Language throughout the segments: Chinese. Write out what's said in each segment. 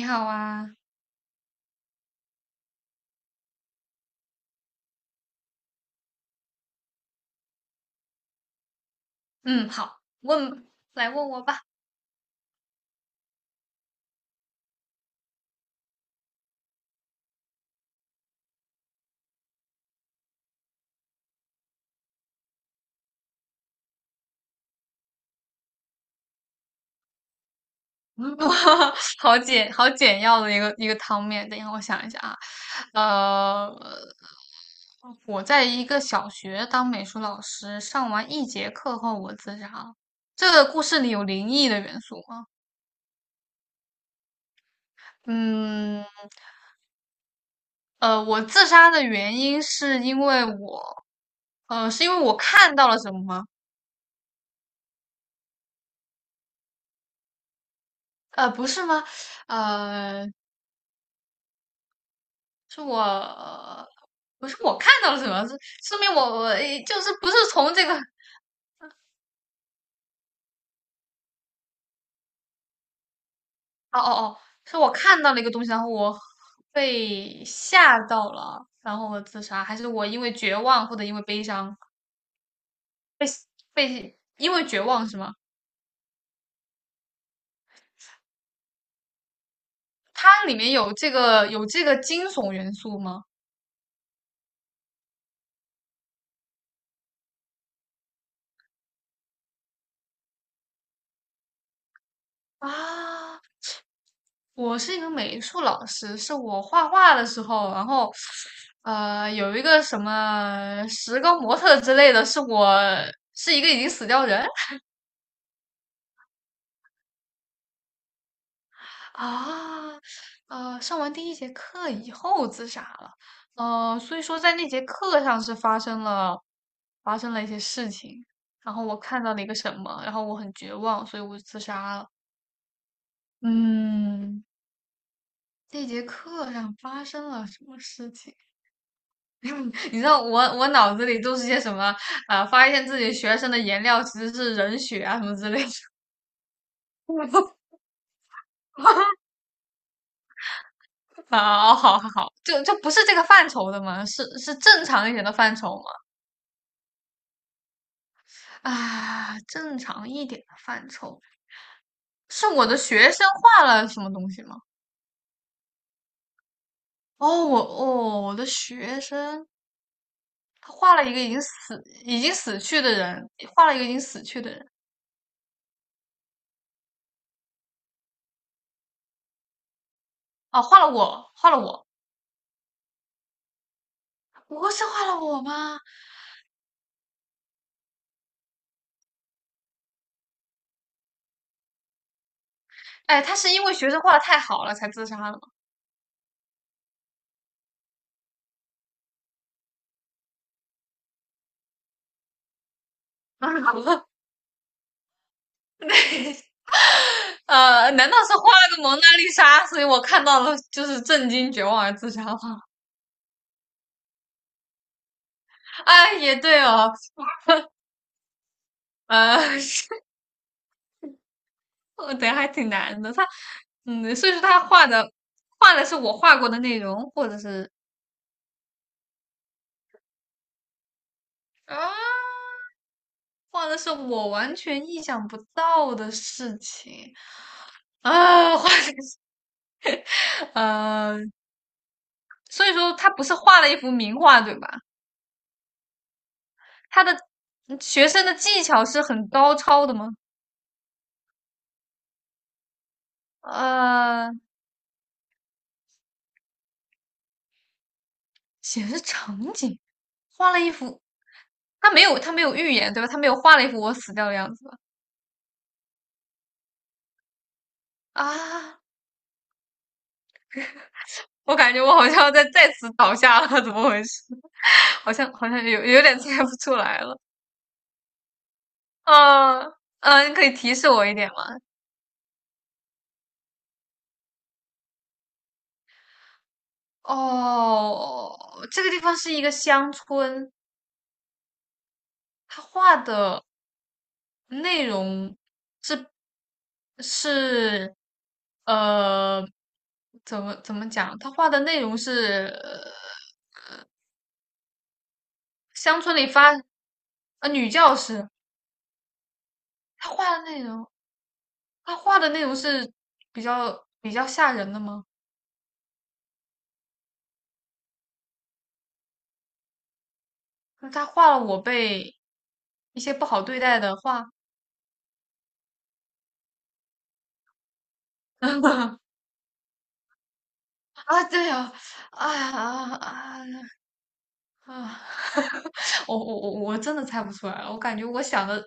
你好啊。嗯，好，问，来问我吧。嗯，哇，好简要的一个汤面。等一下，我想一下啊。呃，我在一个小学当美术老师，上完一节课后我自杀了。这个故事里有灵异的元素吗？嗯，呃，我自杀的原因是因为我，呃，是因为我看到了什么吗？呃，不是吗？呃，是我，不是我看到了什么，是说明我诶就是不是从这个，哦哦，是我看到了一个东西，然后我被吓到了，然后我自杀，还是我因为绝望或者因为悲伤被因为绝望是吗？它里面有这个惊悚元素吗？啊，我是一个美术老师，是我画画的时候，然后，呃，有一个什么石膏模特之类的，是我是一个已经死掉人啊，呃，上完第一节课以后自杀了，呃，所以说在那节课上是发生了一些事情，然后我看到了一个什么，然后我很绝望，所以我就自杀了。嗯，那节课上发生了什么事情？你知道我脑子里都是些什么啊、呃发现自己学生的颜料其实是人血啊什么之类的。好好好，就不是这个范畴的嘛，是是正常一点的范畴嘛？啊，正常一点的范畴，是我的学生画了什么东西吗？哦，我哦，我的学生他画了一个已经死去的人，画了一个已经死去的人。哦，画了我，画了我，不是画了我吗？哎，他是因为学生画的太好了才自杀的吗？ 啊，好难道是画了个蒙娜丽莎，所以我看到了就是震惊、绝望而自杀吗？啊，也对哦，呃，我等还挺难的。他，嗯，所以说他画的画的是我画过的内容，或者是啊，画的是我完全意想不到的事情，啊，画的是呃，所以说他不是画了一幅名画对吧？他的嗯学生的技巧是很高超的吗？呃，显示场景，画了一幅，他没有预言对吧？他没有画了一幅我死掉的样子吧？啊，我感觉我好像要再次倒下了，怎么回事？好像有点猜不出来了。啊，嗯，你可以提示我一点吗？哦，这个地方是一个乡村，他画的内容是是呃，怎么讲？他画的内容是乡村里发呃女教师，她画的内容，她画的内容是比较吓人的吗？就是她画了我被一些不好对待的画。 啊，对啊，哎呀啊啊啊！我真的猜不出来了，我感觉我想的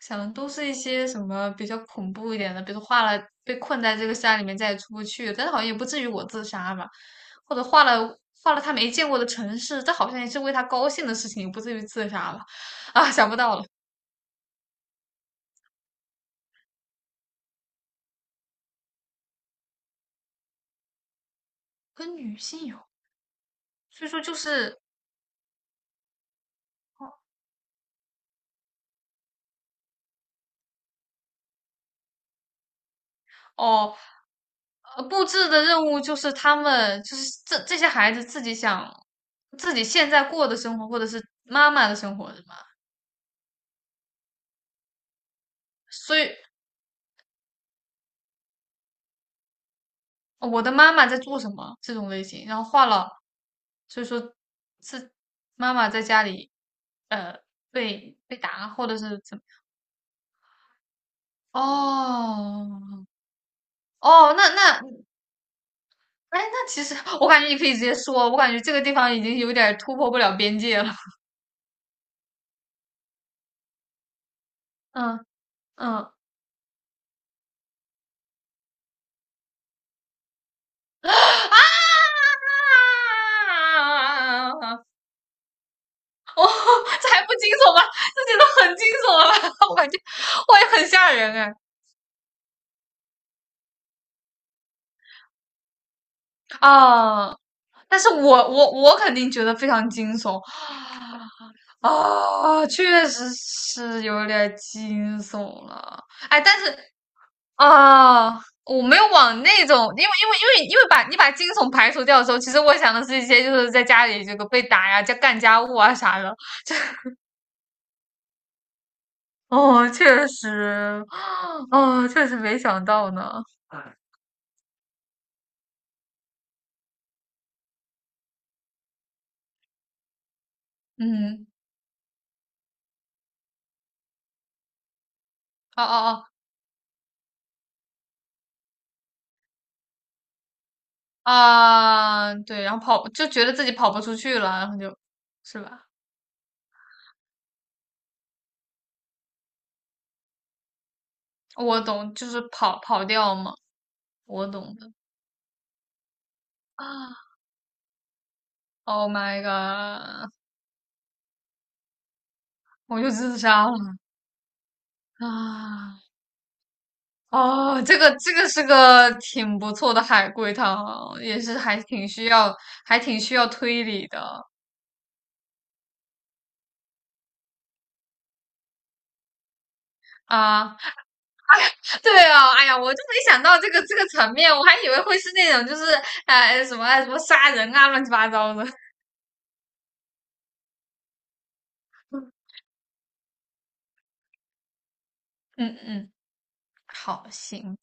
想的都是一些什么比较恐怖一点的，比如画了被困在这个山里面再也出不去，但是好像也不至于我自杀吧，或者画了他没见过的城市，这好像也是为他高兴的事情，也不至于自杀吧？啊，想不到了。跟女性有，所以说就是哦，呃布置的任务就是他们就是这些孩子自己想自己现在过的生活，或者是妈妈的生活，是吗？所以哦我的妈妈在做什么这种类型，然后画了，所以说是妈妈在家里呃被打或者是怎么。哦哦，那那哎，那其实我感觉你可以直接说，我感觉这个地方已经有点儿突破不了边界了。嗯嗯啊！哦，这还不惊悚吗？这觉得很惊悚了吧？我感觉我也很吓人哎。哦但是我肯定觉得非常惊悚啊，确实是有点惊悚了。哎，但是啊，我没有往那种，因为把你把惊悚排除掉的时候，其实我想的是一些就是在家里这个被打呀、家干家务啊啥的。哦，确实，哦，确实没想到呢。嗯，哦啊，对，然后跑就觉得自己跑不出去了，然后就是吧。我懂，就是跑掉嘛，我懂的。啊，Oh my god,我就自杀了啊！哦，这个这个是个挺不错的海龟汤啊也是还挺需要，还挺需要推理的啊。对哦，哎呀，我就没想到这个这个层面，我还以为会是那种就是哎什么杀人啊，乱七八糟的。嗯嗯，好，行。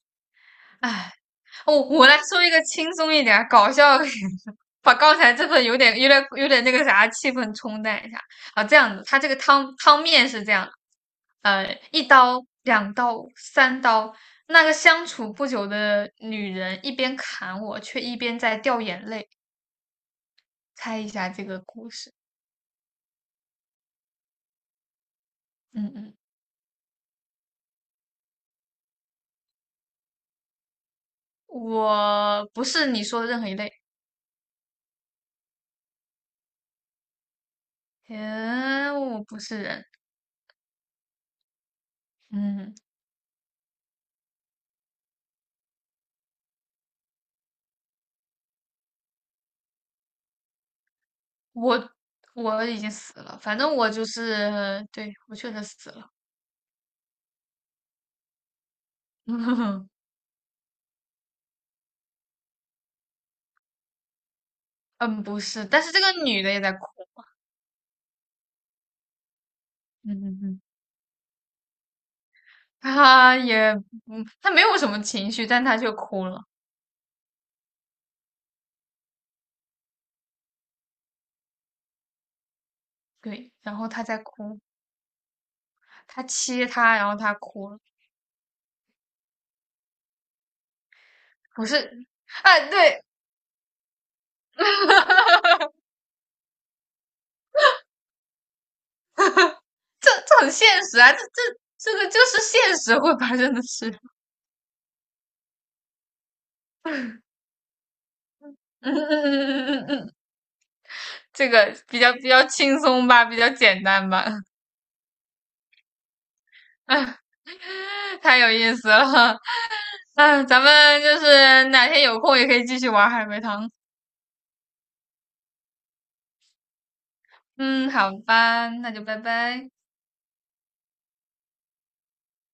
哎，我来说一个轻松一点儿、搞笑一点的，把刚才这份有点、有点那个啥气氛冲淡一下啊。这样子，它这个汤面是这样的呃，一刀、两刀、三刀，那个相处不久的女人一边砍我，却一边在掉眼泪。猜一下这个故事？嗯嗯，我不是你说的任何一类。嗯，我不是人，嗯。我我已经死了，反正我就是，对，我确实死了。嗯，不是，但是这个女的也在哭，嗯，她也，嗯，她没有什么情绪，但她却哭了，对，然后她在哭，她切她，然后她哭了，不是，哎，对，这这很现实啊，这这个就是现实会发生的事，嗯这个比较轻松吧，比较简单吧，哎，太有意思了。嗯，咱们就是哪天有空也可以继续玩海龟汤。嗯，好吧，那就拜拜。